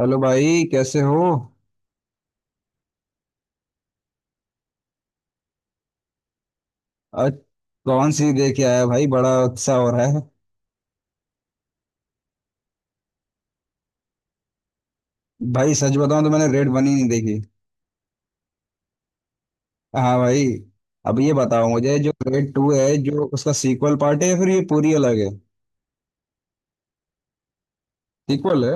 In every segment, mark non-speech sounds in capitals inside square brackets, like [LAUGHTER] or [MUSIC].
Hello भाई, कैसे हो? आज कौन सी देख के आया भाई? बड़ा उत्साह हो रहा है। भाई सच बताऊं तो मैंने रेड वन ही नहीं देखी। हाँ भाई। अब ये बताओ मुझे, जो रेड टू है, जो उसका सीक्वल पार्ट है या फिर ये पूरी अलग है? सीक्वल है?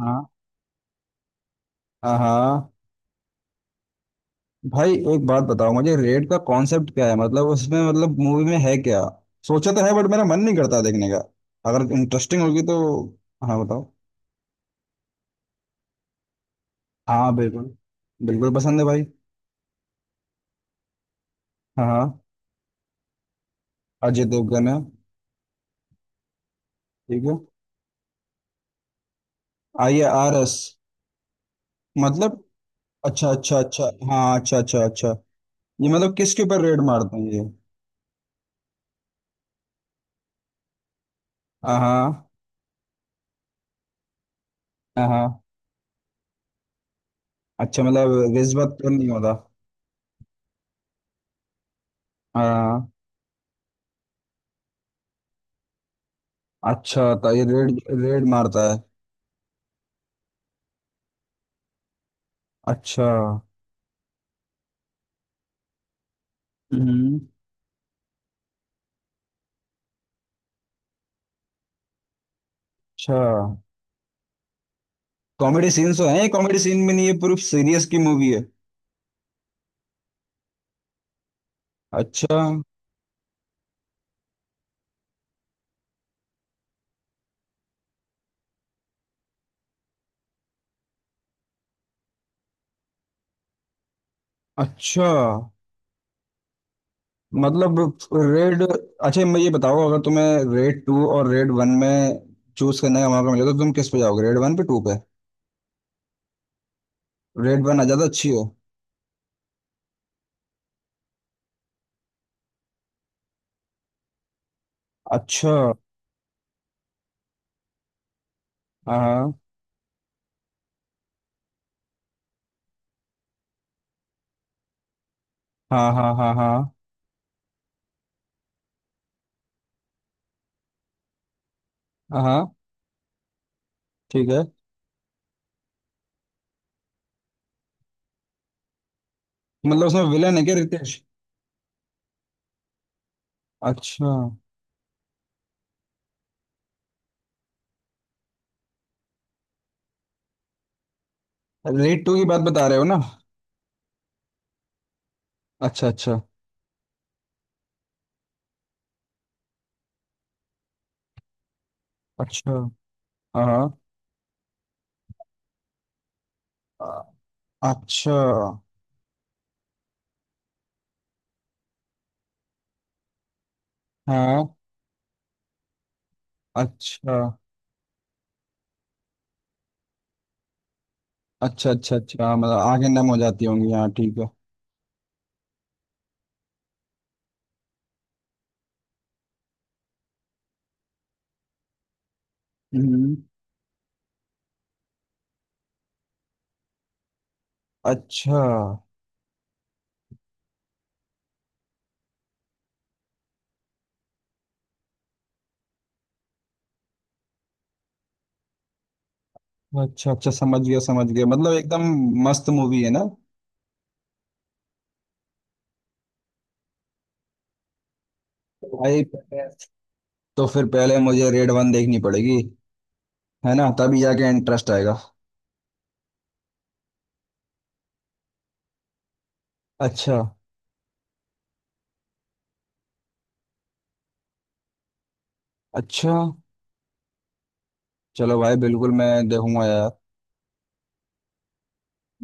हाँ हाँ हाँ। भाई एक बात बताओ मुझे, रेड का कॉन्सेप्ट क्या है? मतलब उसमें मतलब मूवी में है क्या? सोचा तो है बट मेरा मन नहीं करता देखने का। अगर इंटरेस्टिंग होगी तो। हाँ, बताओ। हाँ बिल्कुल, बिल्कुल पसंद है भाई। हाँ हाँ। अजय देवगन है? ठीक है। IRS? मतलब? अच्छा अच्छा अच्छा, हाँ अच्छा अच्छा अच्छा। ये मतलब किसके ऊपर रेड मारते हैं ये? हाँ। हाँ, अच्छा। मतलब रिश्वत तो नहीं होता? हाँ। अच्छा, तो ये रेड रेड मारता है। अच्छा। हम्म। अच्छा। कॉमेडी सीन तो है? कॉमेडी सीन में नहीं ये पूरी सीरियस की मूवी है? अच्छा। अच्छा। मतलब रेड, अच्छा मैं ये बताओ, अगर तुम्हें रेड टू और रेड वन में चूज करने का मौका मिले तो तुम किस पे जाओगे? रेड वन पे, टू पे? रेड वन आ ज्यादा अच्छी हो? अच्छा। हाँ हाँ हाँ हाँ। हाँ हाँ हाँ, ठीक है। मतलब उसमें विलन है क्या रितेश? अच्छा। रेड टू की बात बता रहे हो ना? अच्छा अच्छा। अच्छा। हाँ हाँ। अ- अच्छा। हाँ। अच्छा अच्छा अच्छा। अच्छा हाँ, मतलब आगे नम हो जाती होंगी। हाँ, ठीक है। हम्म। अच्छा अच्छा अच्छा, समझ गया समझ गया। मतलब एकदम मस्त मूवी है ना? तो भाई, तो फिर पहले मुझे रेड वन देखनी पड़ेगी, है ना? तभी जाके इंटरेस्ट आएगा। अच्छा। अच्छा। चलो भाई, बिल्कुल मैं देखूंगा यार।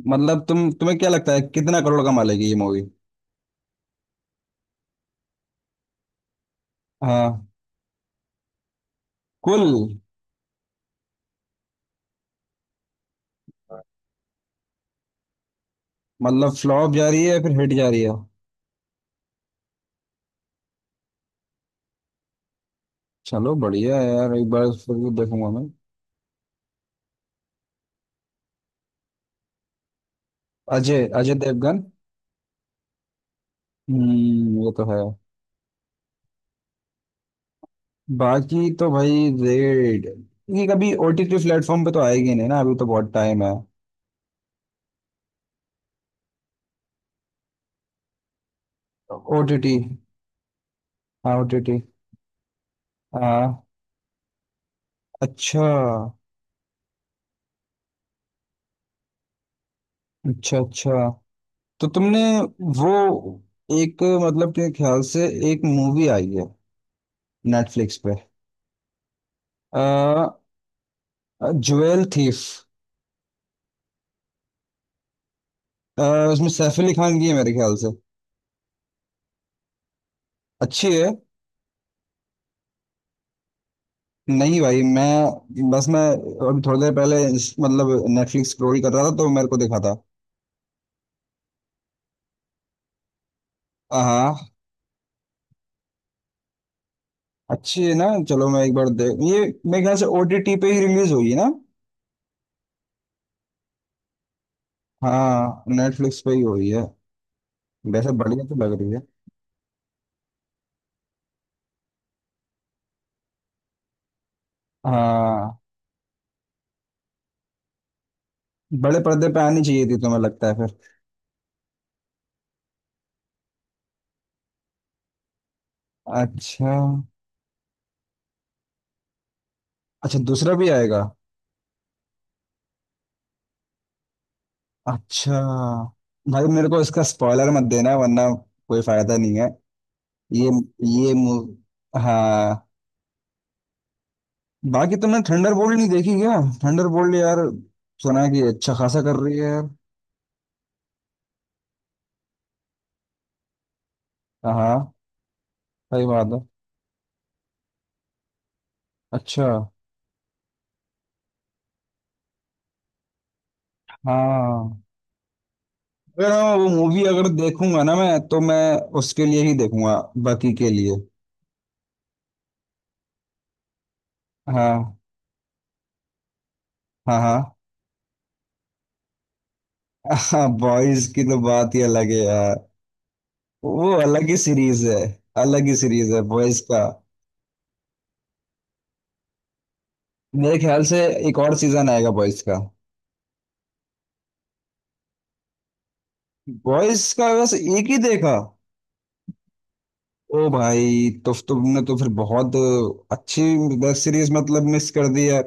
मतलब तुम्हें क्या लगता है, कितना करोड़ कमा लेगी ये मूवी? हाँ। कुल? मतलब फ्लॉप जा रही है या फिर हिट जा रही है? चलो बढ़िया है यार, एक बार फिर भी देखूंगा मैं। अजय अजय देवगन। हम्म, वो तो है। बाकी तो भाई, रेड, ये कभी ओटीटी प्लेटफॉर्म पे तो आएगी नहीं ना? अभी तो बहुत टाइम है। ओटीटी। हाँ ओटीटी। हाँ। अच्छा अच्छा। अच्छा, तो तुमने वो, एक मतलब के ख्याल से, एक मूवी आई है नेटफ्लिक्स पे। आ, ज्वेल थीफ। उसमें सैफ अली खान की है मेरे ख्याल से। अच्छी है? नहीं भाई, मैं अभी थोड़ी देर पहले मतलब नेटफ्लिक्स स्क्रॉल कर रहा था तो मेरे को दिखा था। हाँ हाँ, अच्छी है ना? चलो मैं एक बार देख ये। मेरे ख्याल से ओटीटी पे ही रिलीज हुई है ना? हाँ, नेटफ्लिक्स पे ही हुई है। वैसे बढ़िया तो लग रही है। हाँ। बड़े पर्दे पे आनी चाहिए थी, तुम्हें लगता है फिर? अच्छा। अच्छा, दूसरा भी आएगा? अच्छा। भाई, मेरे को इसका स्पॉइलर मत देना वरना कोई फायदा नहीं है। ये, हाँ। बाकी तुमने थंडर बोल्ट नहीं देखी क्या? थंडर बोल्ट यार, सुना है कि अच्छा खासा कर रही है यार। हाँ। सही बात है। अच्छा। हाँ। अगर, हाँ, वो मूवी अगर देखूंगा ना मैं, तो मैं उसके लिए ही देखूंगा। बाकी के लिए, हाँ हाँ हाँ। [LAUGHS] हाँ, बॉयज की तो बात ही अलग है यार। वो अलग ही सीरीज है, अलग ही सीरीज है बॉयज का। मेरे ख्याल से एक और सीजन आएगा बॉयज का। बॉयज का बस एक ही देखा? ओ भाई, तो तुमने फिर बहुत अच्छी वेब सीरीज मतलब मिस कर दी है।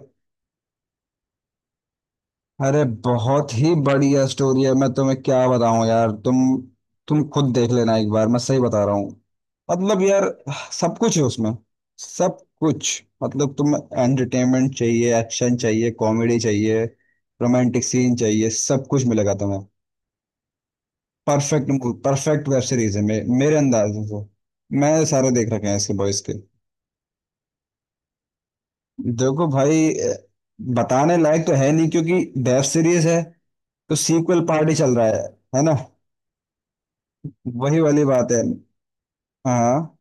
अरे बहुत ही बढ़िया स्टोरी है, मैं तुम्हें क्या बताऊं यार। तुम खुद देख लेना एक बार, मैं सही बता रहा हूँ। मतलब यार, सब कुछ है उसमें। सब कुछ मतलब, तुम्हें एंटरटेनमेंट चाहिए, एक्शन चाहिए, कॉमेडी चाहिए, रोमांटिक सीन चाहिए, सब कुछ मिलेगा तुम्हें। परफेक्ट। परफेक्ट वेब सीरीज है, मेरे अंदाज से। मैं सारे देख रखे हैं इसके बॉयज के। देखो भाई, बताने लायक तो है नहीं क्योंकि वेब सीरीज है, तो सीक्वल पार्टी चल रहा है ना? वही वाली बात है। हाँ।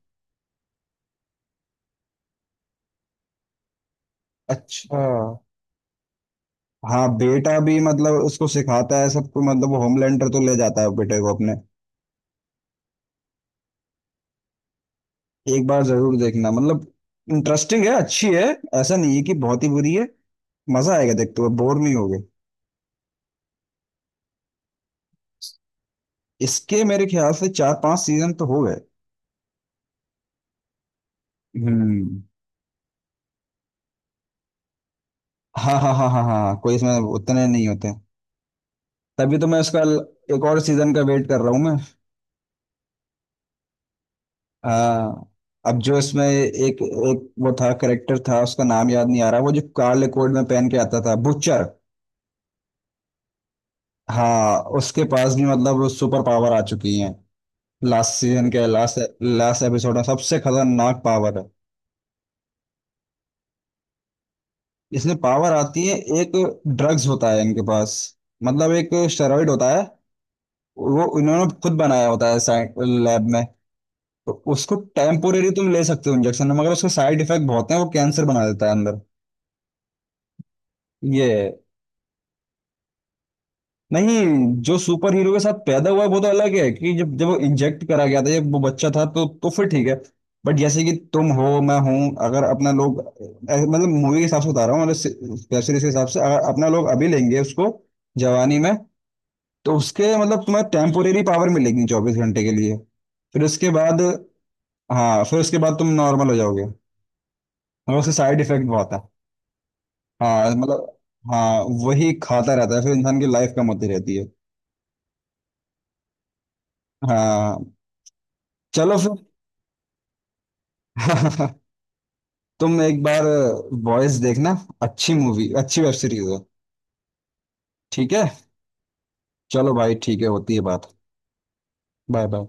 अच्छा। हाँ बेटा भी, मतलब उसको सिखाता है सबको, मतलब वो होमलैंडर तो ले जाता है बेटे को अपने। एक बार जरूर देखना, मतलब इंटरेस्टिंग है, अच्छी है। ऐसा नहीं है कि बहुत ही बुरी है। मजा आएगा देखते हुए, बोर नहीं होगे। इसके मेरे ख्याल से 4-5 सीजन तो हो गए। हम्म। हाँ हाँ हाँ हाँ हाँ, कोई इसमें उतने नहीं होते। तभी तो मैं उसका एक और सीजन का वेट कर रहा हूँ मैं। हाँ। अब जो इसमें एक एक वो था, करेक्टर था, उसका नाम याद नहीं आ रहा, वो जो काले कोट में पहन के आता था, बुचर। हाँ, उसके पास भी मतलब सुपर पावर आ चुकी है, लास्ट सीजन के लास्ट, लास्ट एपिसोड में सबसे खतरनाक पावर है। इसमें पावर आती है, एक ड्रग्स होता है इनके पास, मतलब एक स्टेरॉइड होता है। वो इन्होंने खुद बनाया होता है साइंस लैब में। तो उसको टेम्पोरेरी तुम ले सकते हो इंजेक्शन में, मगर उसके साइड इफेक्ट बहुत हैं, वो कैंसर बना देता है अंदर। ये है। नहीं, जो सुपर हीरो के साथ पैदा हुआ है वो तो अलग है, कि जब जब वो इंजेक्ट करा गया था, जब वो बच्चा था, तो फिर ठीक है। बट जैसे कि तुम हो, मैं हूं, अगर अपना लोग, मतलब मूवी के हिसाब से बता रहा हूँ, मतलब वेब सीरीज के हिसाब से, अगर अपना लोग अभी लेंगे उसको, जवानी में, तो उसके मतलब तुम्हें टेम्पोरेरी पावर मिलेगी 24 घंटे के लिए। फिर उसके बाद, हाँ, फिर उसके बाद तुम नॉर्मल हो जाओगे और उसके साइड इफेक्ट बहुत है। हाँ, मतलब, हाँ वही खाता रहता है, फिर इंसान की लाइफ कम होती रहती है। हाँ। चलो फिर। [LAUGHS] तुम एक बार बॉयज देखना, अच्छी मूवी, अच्छी वेब सीरीज है। ठीक है, चलो भाई ठीक है, होती है बात। Bye bye.